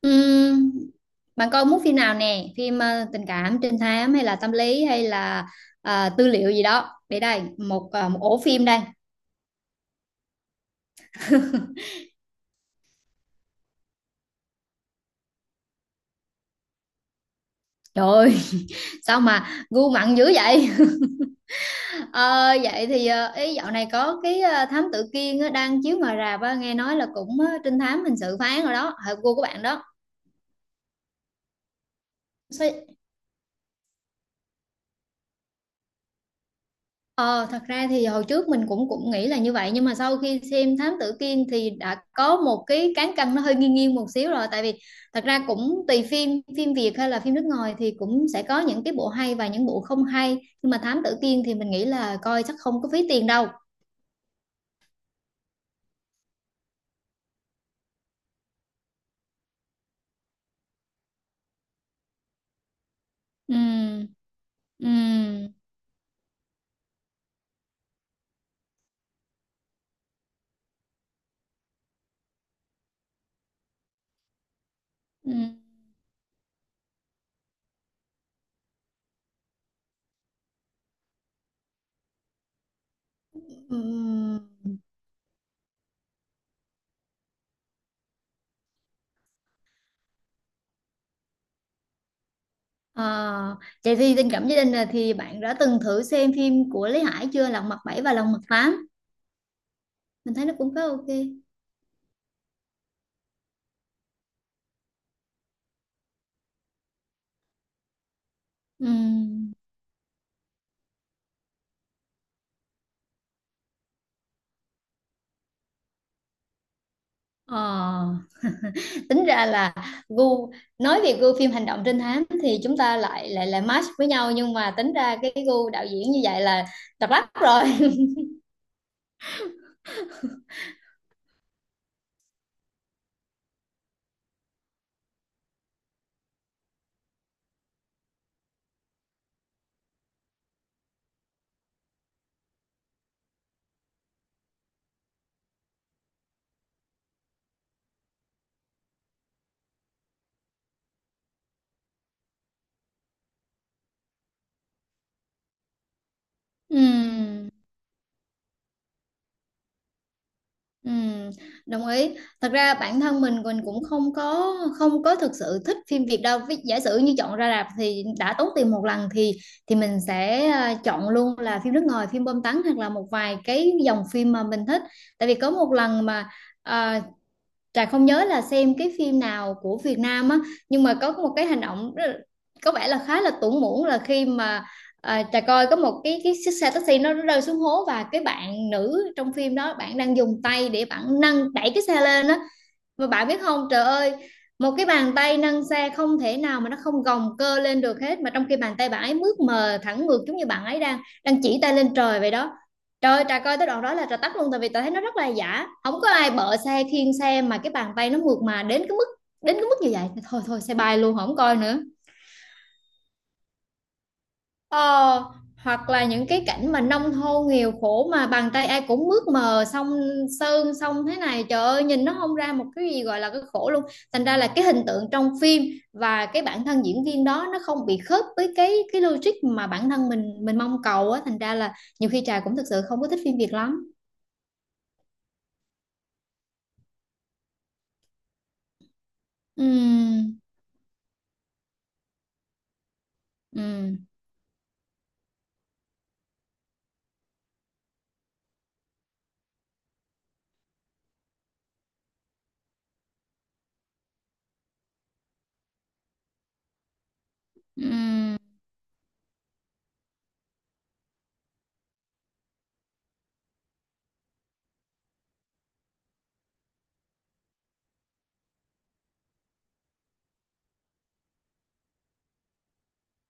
Ừm, bạn coi muốn phim nào nè, phim tình cảm, trinh thám hay là tâm lý hay là tư liệu gì đó, để đây một ổ phim đây. Trời ơi! Sao mà gu mặn dữ vậy! Ờ, vậy thì ý dạo này có cái thám tử Kiên á, đang chiếu ngoài rạp á, nghe nói là cũng trinh thám hình sự phán rồi đó, hợp gu của bạn đó. Sao? Ờ, thật ra thì hồi trước mình cũng cũng nghĩ là như vậy, nhưng mà sau khi xem Thám Tử Kiên thì đã có một cái cán cân nó hơi nghiêng nghiêng một xíu rồi, tại vì thật ra cũng tùy phim, phim Việt hay là phim nước ngoài thì cũng sẽ có những cái bộ hay và những bộ không hay, nhưng mà Thám Tử Kiên thì mình nghĩ là coi chắc không có phí tiền đâu. Ừm. Ừm. Ừm. Ừm. Ờ, vậy thì tình cảm gia đình là thì bạn đã từng thử xem phim của Lý Hải chưa, Lật Mặt bảy và Lật Mặt tám? Mình thấy nó cũng khá OK. Ừm. Ờ, tính ra là gu, nói về gu phim hành động trinh thám thì chúng ta lại lại lại match với nhau, nhưng mà tính ra cái gu đạo diễn như vậy là độc đáo rồi. Ừm. Ừm. Đồng ý. Thật ra bản thân mình cũng không có thực sự thích phim Việt đâu. Giả sử như chọn ra rạp thì đã tốn tiền một lần thì mình sẽ chọn luôn là phim nước ngoài, phim bom tấn hoặc là một vài cái dòng phim mà mình thích. Tại vì có một lần mà ờ, Trà không nhớ là xem cái phim nào của Việt Nam á, nhưng mà có một cái hành động có vẻ là khá là tủn mủn, là khi mà Trà coi có một cái chiếc xe taxi nó rơi xuống hố, và cái bạn nữ trong phim đó bạn đang dùng tay để bạn nâng đẩy cái xe lên á. Và bạn biết không, trời ơi, một cái bàn tay nâng xe không thể nào mà nó không gồng cơ lên được hết, mà trong khi bàn tay bạn ấy mướt mờ thẳng ngược, giống như bạn ấy đang đang chỉ tay lên trời vậy đó. Trời ơi, trà coi tới đoạn đó là trà tắt luôn, tại vì trà thấy nó rất là giả. Không có ai bợ xe khiêng xe mà cái bàn tay nó mượt mà đến cái mức như vậy. Thôi thôi xe bay luôn, không coi nữa. Ờ, hoặc là những cái cảnh mà nông thôn nghèo khổ mà bàn tay ai cũng mướt mờ, xong sơn xong thế này, trời ơi nhìn nó không ra một cái gì gọi là cái khổ luôn, thành ra là cái hình tượng trong phim và cái bản thân diễn viên đó nó không bị khớp với cái logic mà bản thân mình mong cầu á, thành ra là nhiều khi Trà cũng thực sự không có thích phim Việt lắm. Ừm. Ừm. Ừm.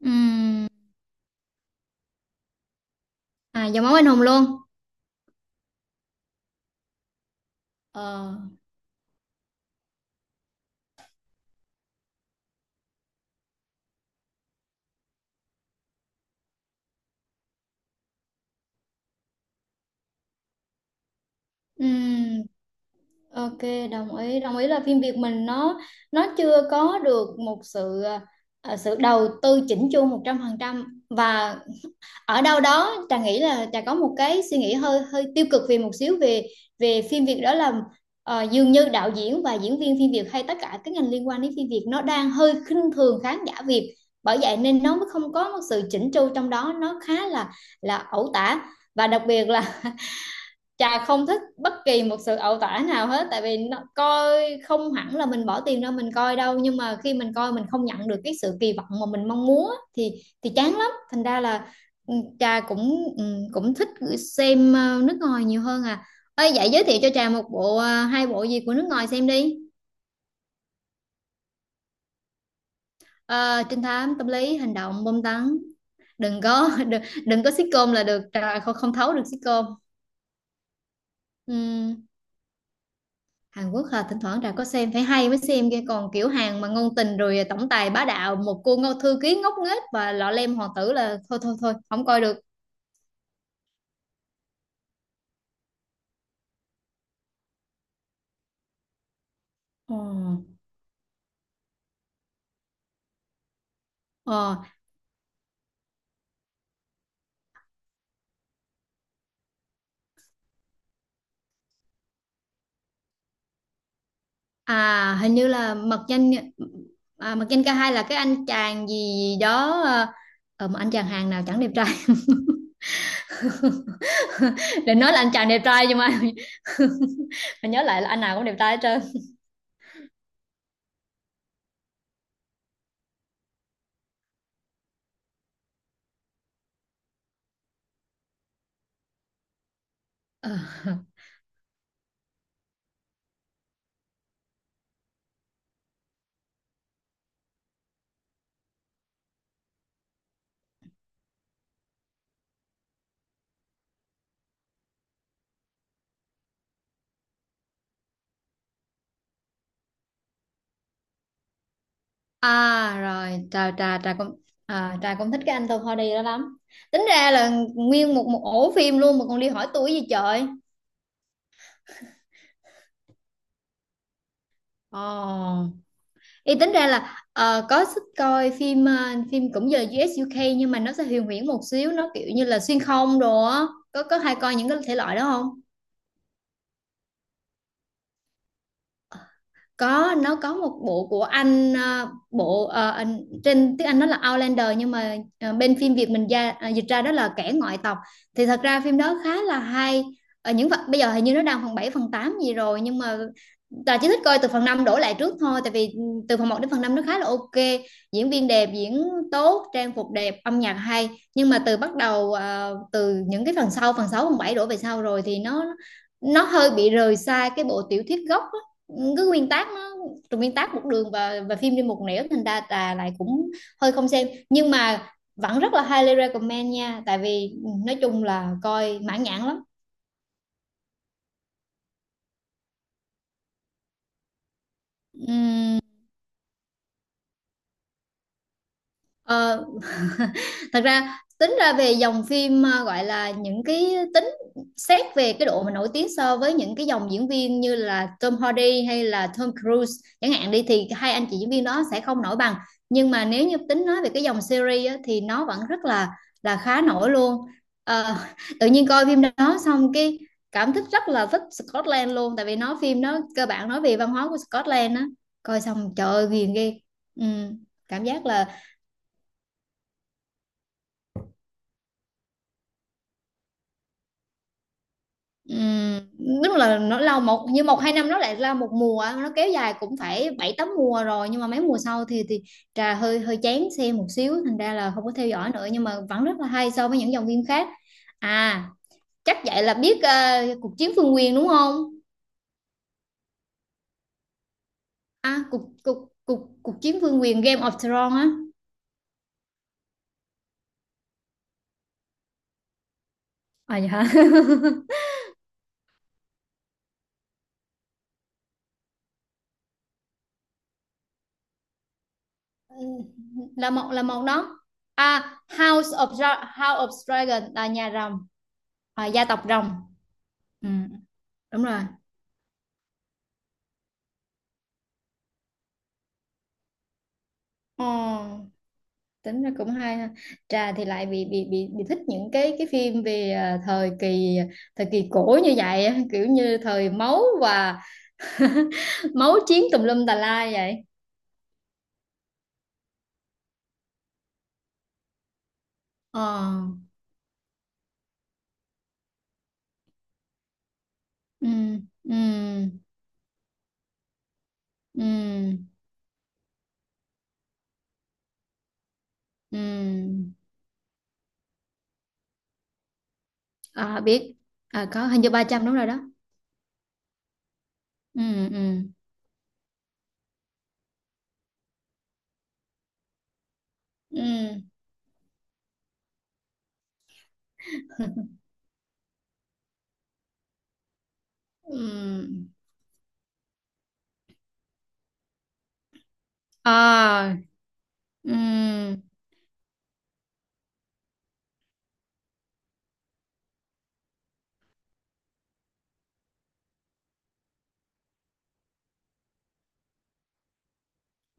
Ừm. À, dòng máu anh hùng luôn. Ờ. Ừm. OK, đồng ý. Đồng ý là phim Việt mình nó chưa có được một sự sự đầu tư chỉnh chu 100%, và ở đâu đó Trà nghĩ là Trà có một cái suy nghĩ hơi hơi tiêu cực về một xíu về về phim Việt, đó là dường như đạo diễn và diễn viên phim Việt hay tất cả các ngành liên quan đến phim Việt nó đang hơi khinh thường khán giả Việt. Bởi vậy nên nó mới không có một sự chỉnh chu trong đó, nó khá là ẩu tả, và đặc biệt là Trà không thích bất kỳ một sự ẩu tả nào hết, tại vì nó, coi không hẳn là mình bỏ tiền ra mình coi đâu, nhưng mà khi mình coi mình không nhận được cái sự kỳ vọng mà mình mong muốn thì thì chán lắm, thành ra là ừ, Trà cũng cũng thích xem nước ngoài nhiều hơn à. Ơi, vậy giới thiệu cho Trà một bộ hai bộ gì của nước ngoài xem đi. Ờ, trinh thám, tâm lý, hành động, bom tấn, đừng có đừng có sitcom là được, Trà không không thấu được sitcom. Ừ. Hàn Quốc hả, thỉnh thoảng Trà có xem phải hay mới xem kia, còn kiểu Hàn mà ngôn tình rồi tổng tài bá đạo một cô ngô thư ký ngốc nghếch và lọ lem hoàng tử là thôi thôi thôi không coi được. Ờ. Ờ. À, hình như là Mật Danh. À, Mật Danh K2 là cái anh chàng gì đó. À, mà anh chàng Hàn nào chẳng đẹp trai. Để nói là anh chàng đẹp trai nhưng mà mà nhớ lại là anh nào cũng đẹp trai hết trơn. Ờ. À rồi, trà trà trà cũng trà cũng thích cái anh Topody đó lắm. Tính ra là nguyên một một ổ phim luôn mà còn đi hỏi tuổi gì trời. Ồ, ý tính ra là có thích coi phim phim cũng giờ UK nhưng mà nó sẽ huyền huyễn một xíu, nó kiểu như là xuyên không đồ á. Có hay coi những cái thể loại đó không? Có, nó có một bộ của anh bộ anh, trên tiếng Anh nó là Outlander nhưng mà bên phim Việt mình ra dịch ra đó là kẻ ngoại tộc, thì thật ra phim đó khá là hay ở những phần, bây giờ hình như nó đang phần 7 phần 8 gì rồi nhưng mà Tà chỉ thích coi từ phần 5 đổ lại trước thôi, tại vì từ phần một đến phần 5 nó khá là OK, diễn viên đẹp, diễn tốt, trang phục đẹp, âm nhạc hay, nhưng mà từ bắt đầu từ những cái phần sau phần 6 phần 7 đổ về sau rồi thì nó hơi bị rời xa cái bộ tiểu thuyết gốc á, cái nguyên tác nó, từ nguyên tác một đường và phim đi một nẻo, thành ra là lại cũng hơi không xem, nhưng mà vẫn rất là highly recommend nha, tại vì nói chung là coi mãn nhãn lắm. Ừm, ờ, thật ra tính ra về dòng phim, gọi là những cái tính, xét về cái độ mà nổi tiếng so với những cái dòng diễn viên như là Tom Hardy hay là Tom Cruise chẳng hạn đi thì hai anh chị diễn viên đó sẽ không nổi bằng, nhưng mà nếu như tính nói về cái dòng series á, thì nó vẫn rất là khá nổi luôn. Ờ, tự nhiên coi phim đó xong cái cảm thích rất là thích Scotland luôn, tại vì nó phim nó cơ bản nói về văn hóa của Scotland á, coi xong trời ơi ghiền ghê. ừ, cảm giác là. Ừm, đúng là nó lâu một như một hai năm nó lại là một mùa, nó kéo dài cũng phải bảy tám mùa rồi nhưng mà mấy mùa sau thì trà hơi hơi chán xem một xíu thành ra là không có theo dõi nữa, nhưng mà vẫn rất là hay so với những dòng phim khác. À, chắc vậy là biết cuộc chiến phương quyền đúng không? À, cuộc cuộc cuộc cuộc chiến phương quyền Game of Thrones á. À, dạ. Là một, là một đó. House of Dragon là nhà rồng. À, gia tộc rồng. Ừ. Đúng rồi. Ờ, tính ra cũng hay ha. Trà thì lại bị thích những cái phim về thời kỳ cổ như vậy á, kiểu như thời máu và máu chiến tùm lum tà la vậy. Ờ. Ừ, ừ, ừ, ừ. À, biết. À, có hình như 300 đúng rồi đó. Ừ, ừ, ừ, ừ. À, ừ.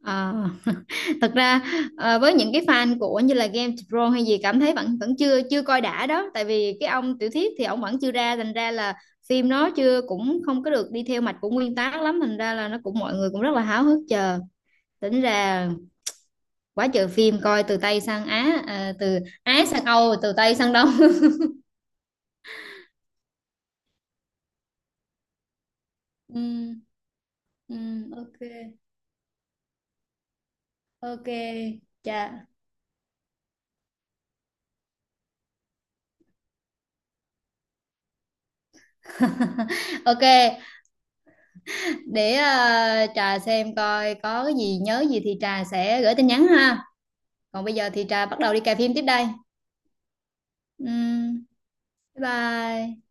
Ờ, thật ra với những cái fan của như là Game Pro hay gì cảm thấy vẫn vẫn chưa chưa coi đã đó, tại vì cái ông tiểu thuyết thì ông vẫn chưa ra thành ra là phim nó chưa cũng không có được đi theo mạch của nguyên tác lắm, thành ra là nó cũng mọi người cũng rất là háo hức chờ. Tính ra quá trời phim, coi từ Tây sang Á, từ Á sang Âu, từ Tây sang Đông. Ừ, ừ, OK, OK, dạ. OK, để Trà xem coi có cái gì nhớ gì thì Trà sẽ gửi tin nhắn ha. Còn bây giờ thì Trà bắt đầu đi cài phim tiếp đây. Ừm, bye bye.